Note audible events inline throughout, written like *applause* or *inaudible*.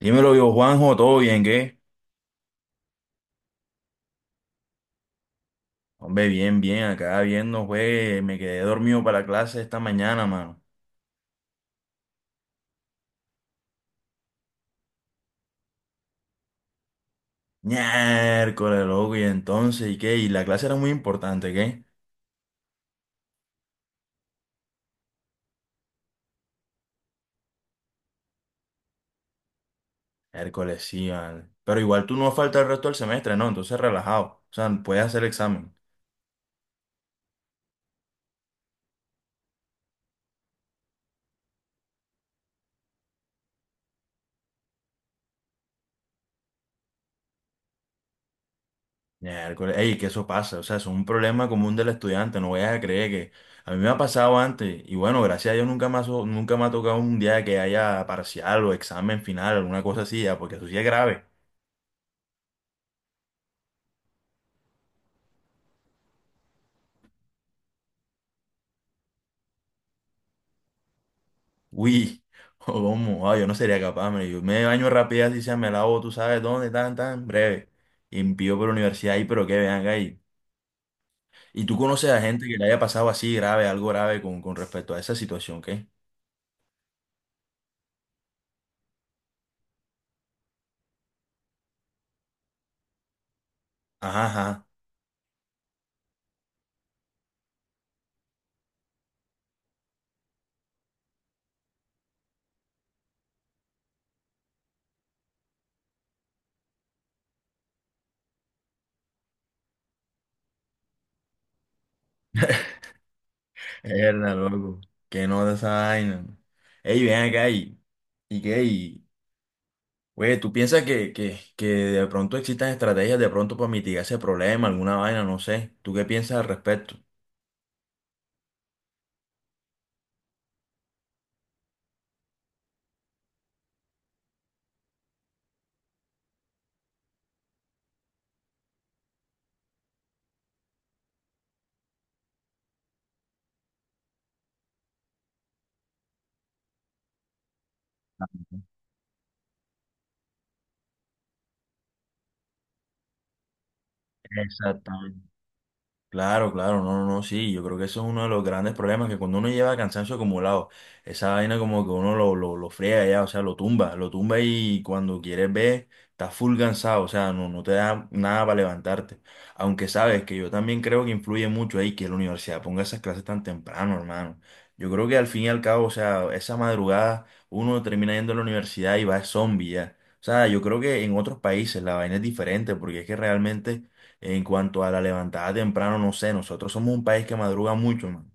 Dímelo yo, Juanjo, ¿todo bien, qué? Hombre, bien, bien, acá viendo, güey, me quedé dormido para la clase esta mañana, mano. Miércoles, loco, y entonces, ¿y qué? Y la clase era muy importante, ¿qué? Miércoles, sí, vale. Pero igual tú no falta el resto del semestre, ¿no? Entonces, relajado. O sea, puedes hacer examen. Miércoles, ey, que eso pasa, o sea, es un problema común del estudiante, no vayas a creer que... A mí me ha pasado antes, y bueno, gracias a Dios nunca me ha, nunca me ha tocado un día que haya parcial o examen final, alguna cosa así, ya, porque eso sí es grave. Uy, *laughs* ¿cómo? Ah, yo no sería capaz, man. Yo me baño rápido así sea, me lavo, tú sabes dónde, tan, tan, breve. Y envío por la universidad ahí, pero que vean ahí. ¿Y tú conoces a gente que le haya pasado así grave, algo grave con respecto a esa situación, qué? Ajá, ajá. Erda, loco. Que no de esa vaina. Ey, ven acá y qué, y, güey, ¿tú piensas que, que de pronto existan estrategias de pronto para mitigar ese problema, alguna vaina, no sé? ¿Tú qué piensas al respecto? Exactamente. Claro, claro, no, no, no, sí, yo creo que eso es uno de los grandes problemas, que cuando uno lleva cansancio acumulado, esa vaina como que uno lo, lo friega ya, o sea, lo tumba y cuando quieres ver, estás full cansado, o sea, no, no te da nada para levantarte. Aunque sabes que yo también creo que influye mucho ahí que la universidad ponga esas clases tan temprano, hermano. Yo creo que al fin y al cabo, o sea, esa madrugada uno termina yendo a la universidad y va zombie ya. O sea, yo creo que en otros países la vaina es diferente, porque es que realmente en cuanto a la levantada temprano, no sé, nosotros somos un país que madruga mucho, man.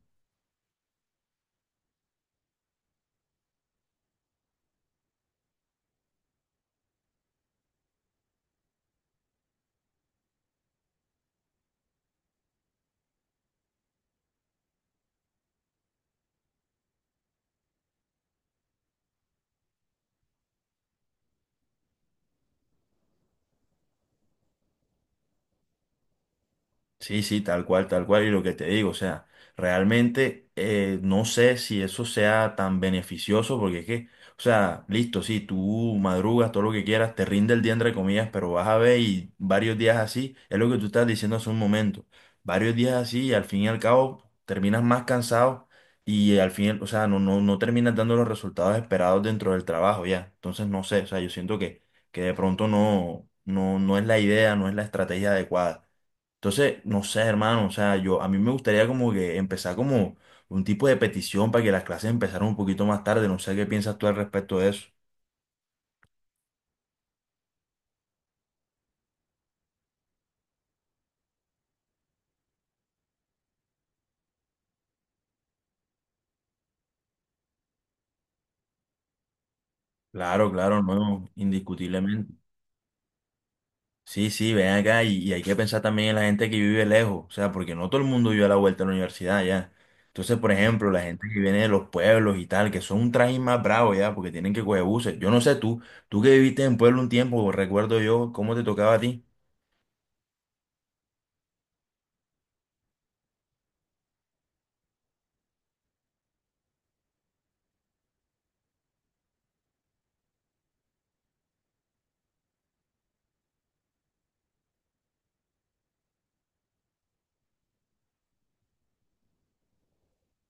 Sí, sí, tal cual, y lo que te digo, o sea, realmente no sé si eso sea tan beneficioso, porque es que, o sea, listo, sí, tú madrugas todo lo que quieras, te rinde el día entre comillas, pero vas a ver y varios días así, es lo que tú estás diciendo hace un momento, varios días así y al fin y al cabo terminas más cansado y al fin, o sea, no, no, no terminas dando los resultados esperados dentro del trabajo ya, entonces no sé, o sea, yo siento que de pronto no, no, no es la idea, no es la estrategia adecuada. Entonces, no sé, hermano, o sea, yo a mí me gustaría como que empezar como un tipo de petición para que las clases empezaran un poquito más tarde, no sé qué piensas tú al respecto de eso. Claro, claro, no, indiscutiblemente. Sí, sí, ven acá y hay que pensar también en la gente que vive lejos, o sea, porque no todo el mundo vive a la vuelta de la universidad ya. Entonces, por ejemplo, la gente que viene de los pueblos y tal, que son un trajín más bravo ya, porque tienen que coger buses. Yo no sé tú, tú que viviste en pueblo un tiempo, recuerdo yo, ¿cómo te tocaba a ti?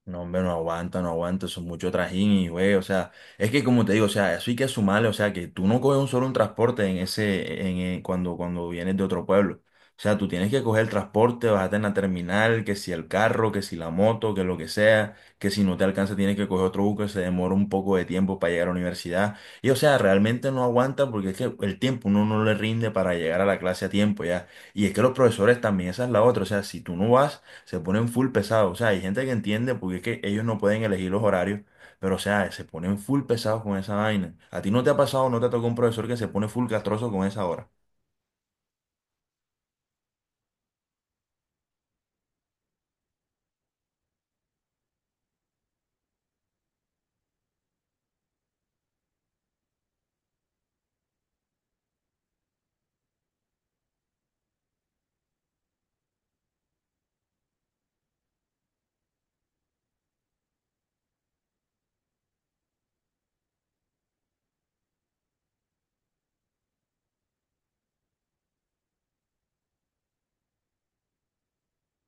No, hombre, no aguanta, no aguanta, eso es mucho trajín y güey, o sea, es que como te digo, o sea, eso hay que sumarle, o sea, que tú no coges un solo un transporte en ese, cuando, cuando vienes de otro pueblo. O sea, tú tienes que coger el transporte, bajarte en la terminal, que si el carro, que si la moto, que lo que sea, que si no te alcanza tienes que coger otro bus que se demora un poco de tiempo para llegar a la universidad. Y o sea, realmente no aguanta porque es que el tiempo uno no le rinde para llegar a la clase a tiempo ya. Y es que los profesores también, esa es la otra, o sea, si tú no vas se ponen full pesados. O sea, hay gente que entiende porque es que ellos no pueden elegir los horarios, pero o sea, se ponen full pesados con esa vaina. ¿A ti no te ha pasado, no te ha tocado un profesor que se pone full castroso con esa hora?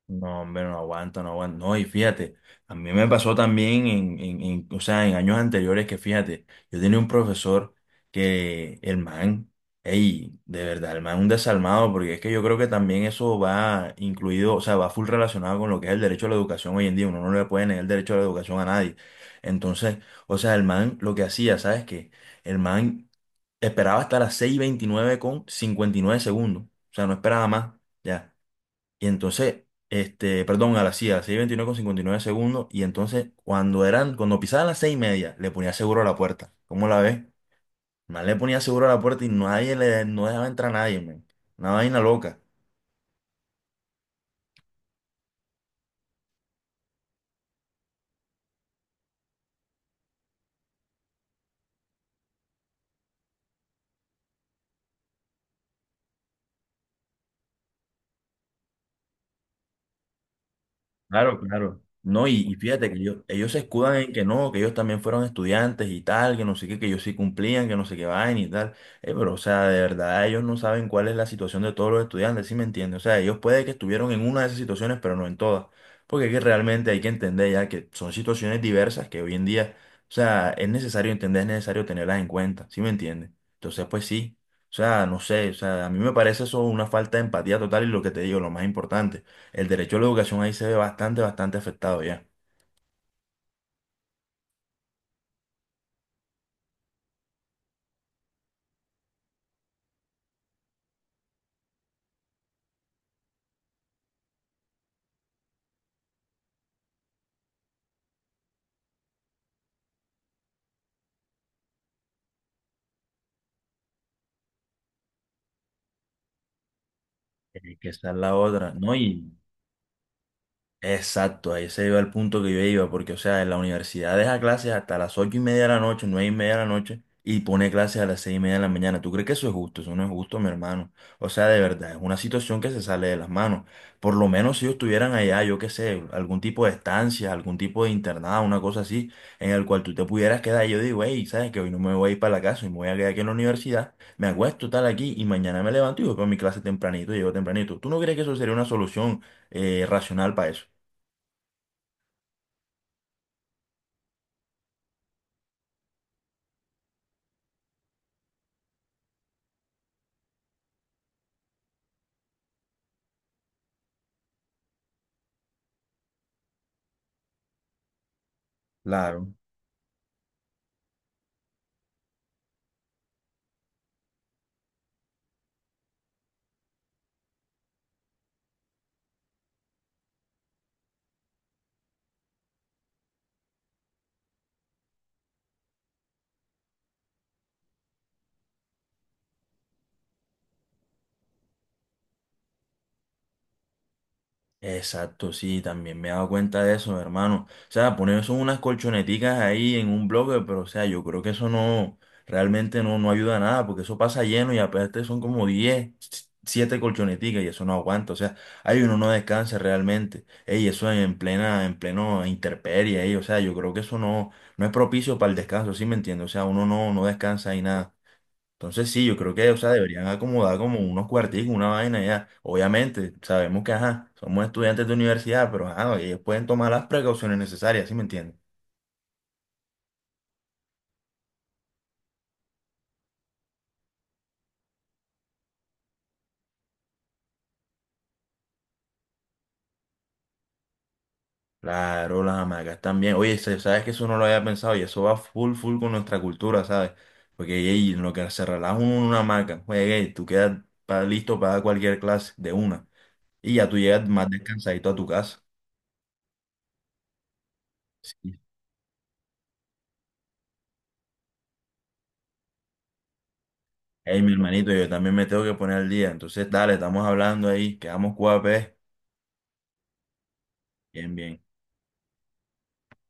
No, hombre, no aguanto, no aguanto. No, y fíjate, a mí me pasó también o sea, en años anteriores que fíjate, yo tenía un profesor que el man, ey, de verdad, el man un desalmado, porque es que yo creo que también eso va incluido, o sea, va full relacionado con lo que es el derecho a la educación hoy en día, uno no le puede negar el derecho a la educación a nadie. Entonces, o sea, el man lo que hacía, ¿sabes qué? El man esperaba hasta las 6:29 con 59 segundos, o sea, no esperaba más. Ya y entonces, este, perdón, a las, sí, a las 6:29 con 59 segundos. Y entonces, cuando eran, cuando pisaban las 6:30, le ponía seguro a la puerta. ¿Cómo la ves? Más le ponía seguro a la puerta y nadie le, no dejaba entrar a nadie, man. Una vaina loca. Claro, claro. No, y fíjate que ellos se escudan en que no, que ellos también fueron estudiantes y tal, que no sé qué, que ellos sí cumplían, que no sé qué vaina y tal. Pero, o sea, de verdad, ellos no saben cuál es la situación de todos los estudiantes, ¿sí me entiendes? O sea, ellos puede que estuvieron en una de esas situaciones, pero no en todas. Porque es que realmente hay que entender ya que son situaciones diversas que hoy en día, o sea, es necesario entender, es necesario tenerlas en cuenta, ¿sí me entiendes? Entonces, pues sí. O sea, no sé, o sea, a mí me parece eso una falta de empatía total y lo que te digo, lo más importante. El derecho a la educación ahí se ve bastante, bastante afectado ya. Que esa es la otra, ¿no? Y exacto, ahí se iba el punto que yo iba, porque, o sea, en la universidad deja clases hasta las 8:30 de la noche, 9:30 de la noche, y pone clases a las 6:30 de la mañana. ¿Tú crees que eso es justo? Eso no es justo, mi hermano. O sea, de verdad, es una situación que se sale de las manos. Por lo menos si ellos estuvieran allá, yo qué sé, algún tipo de estancia, algún tipo de internado, una cosa así, en el cual tú te pudieras quedar. Y yo digo, hey, ¿sabes que hoy no me voy a ir para la casa y me voy a quedar aquí en la universidad, me acuesto tal aquí y mañana me levanto y voy para mi clase tempranito, llego tempranito? ¿Tú no crees que eso sería una solución racional para eso? Claro, exacto, sí, también me he dado cuenta de eso, hermano. O sea, poner eso unas colchoneticas ahí en un bloque, pero o sea, yo creo que eso no, realmente no, no ayuda a nada, porque eso pasa lleno y aparte son como 10 7 colchoneticas y eso no aguanta. O sea, ahí uno no descansa realmente. Ey, eso en plena, en pleno intemperie, ey, o sea, yo creo que eso no, no es propicio para el descanso, ¿sí me entiendes? O sea, uno no, no descansa y nada. Entonces sí, yo creo que, o sea, deberían acomodar como unos cuarticos, una vaina ya. Obviamente, sabemos que, ajá, somos estudiantes de universidad, pero ajá, ellos pueden tomar las precauciones necesarias, ¿sí me entiendes? Claro, las hamacas también. Oye, sabes que eso no lo había pensado y eso va full, full con nuestra cultura, ¿sabes? Porque ey, en lo que se relaja uno en una hamaca, juegue, ey, tú quedas listo para cualquier clase de una. Y ya tú llegas más descansadito a tu casa. Sí. Ey, mi hermanito, yo también me tengo que poner al día. Entonces, dale, estamos hablando ahí, quedamos cuapes. Bien, bien.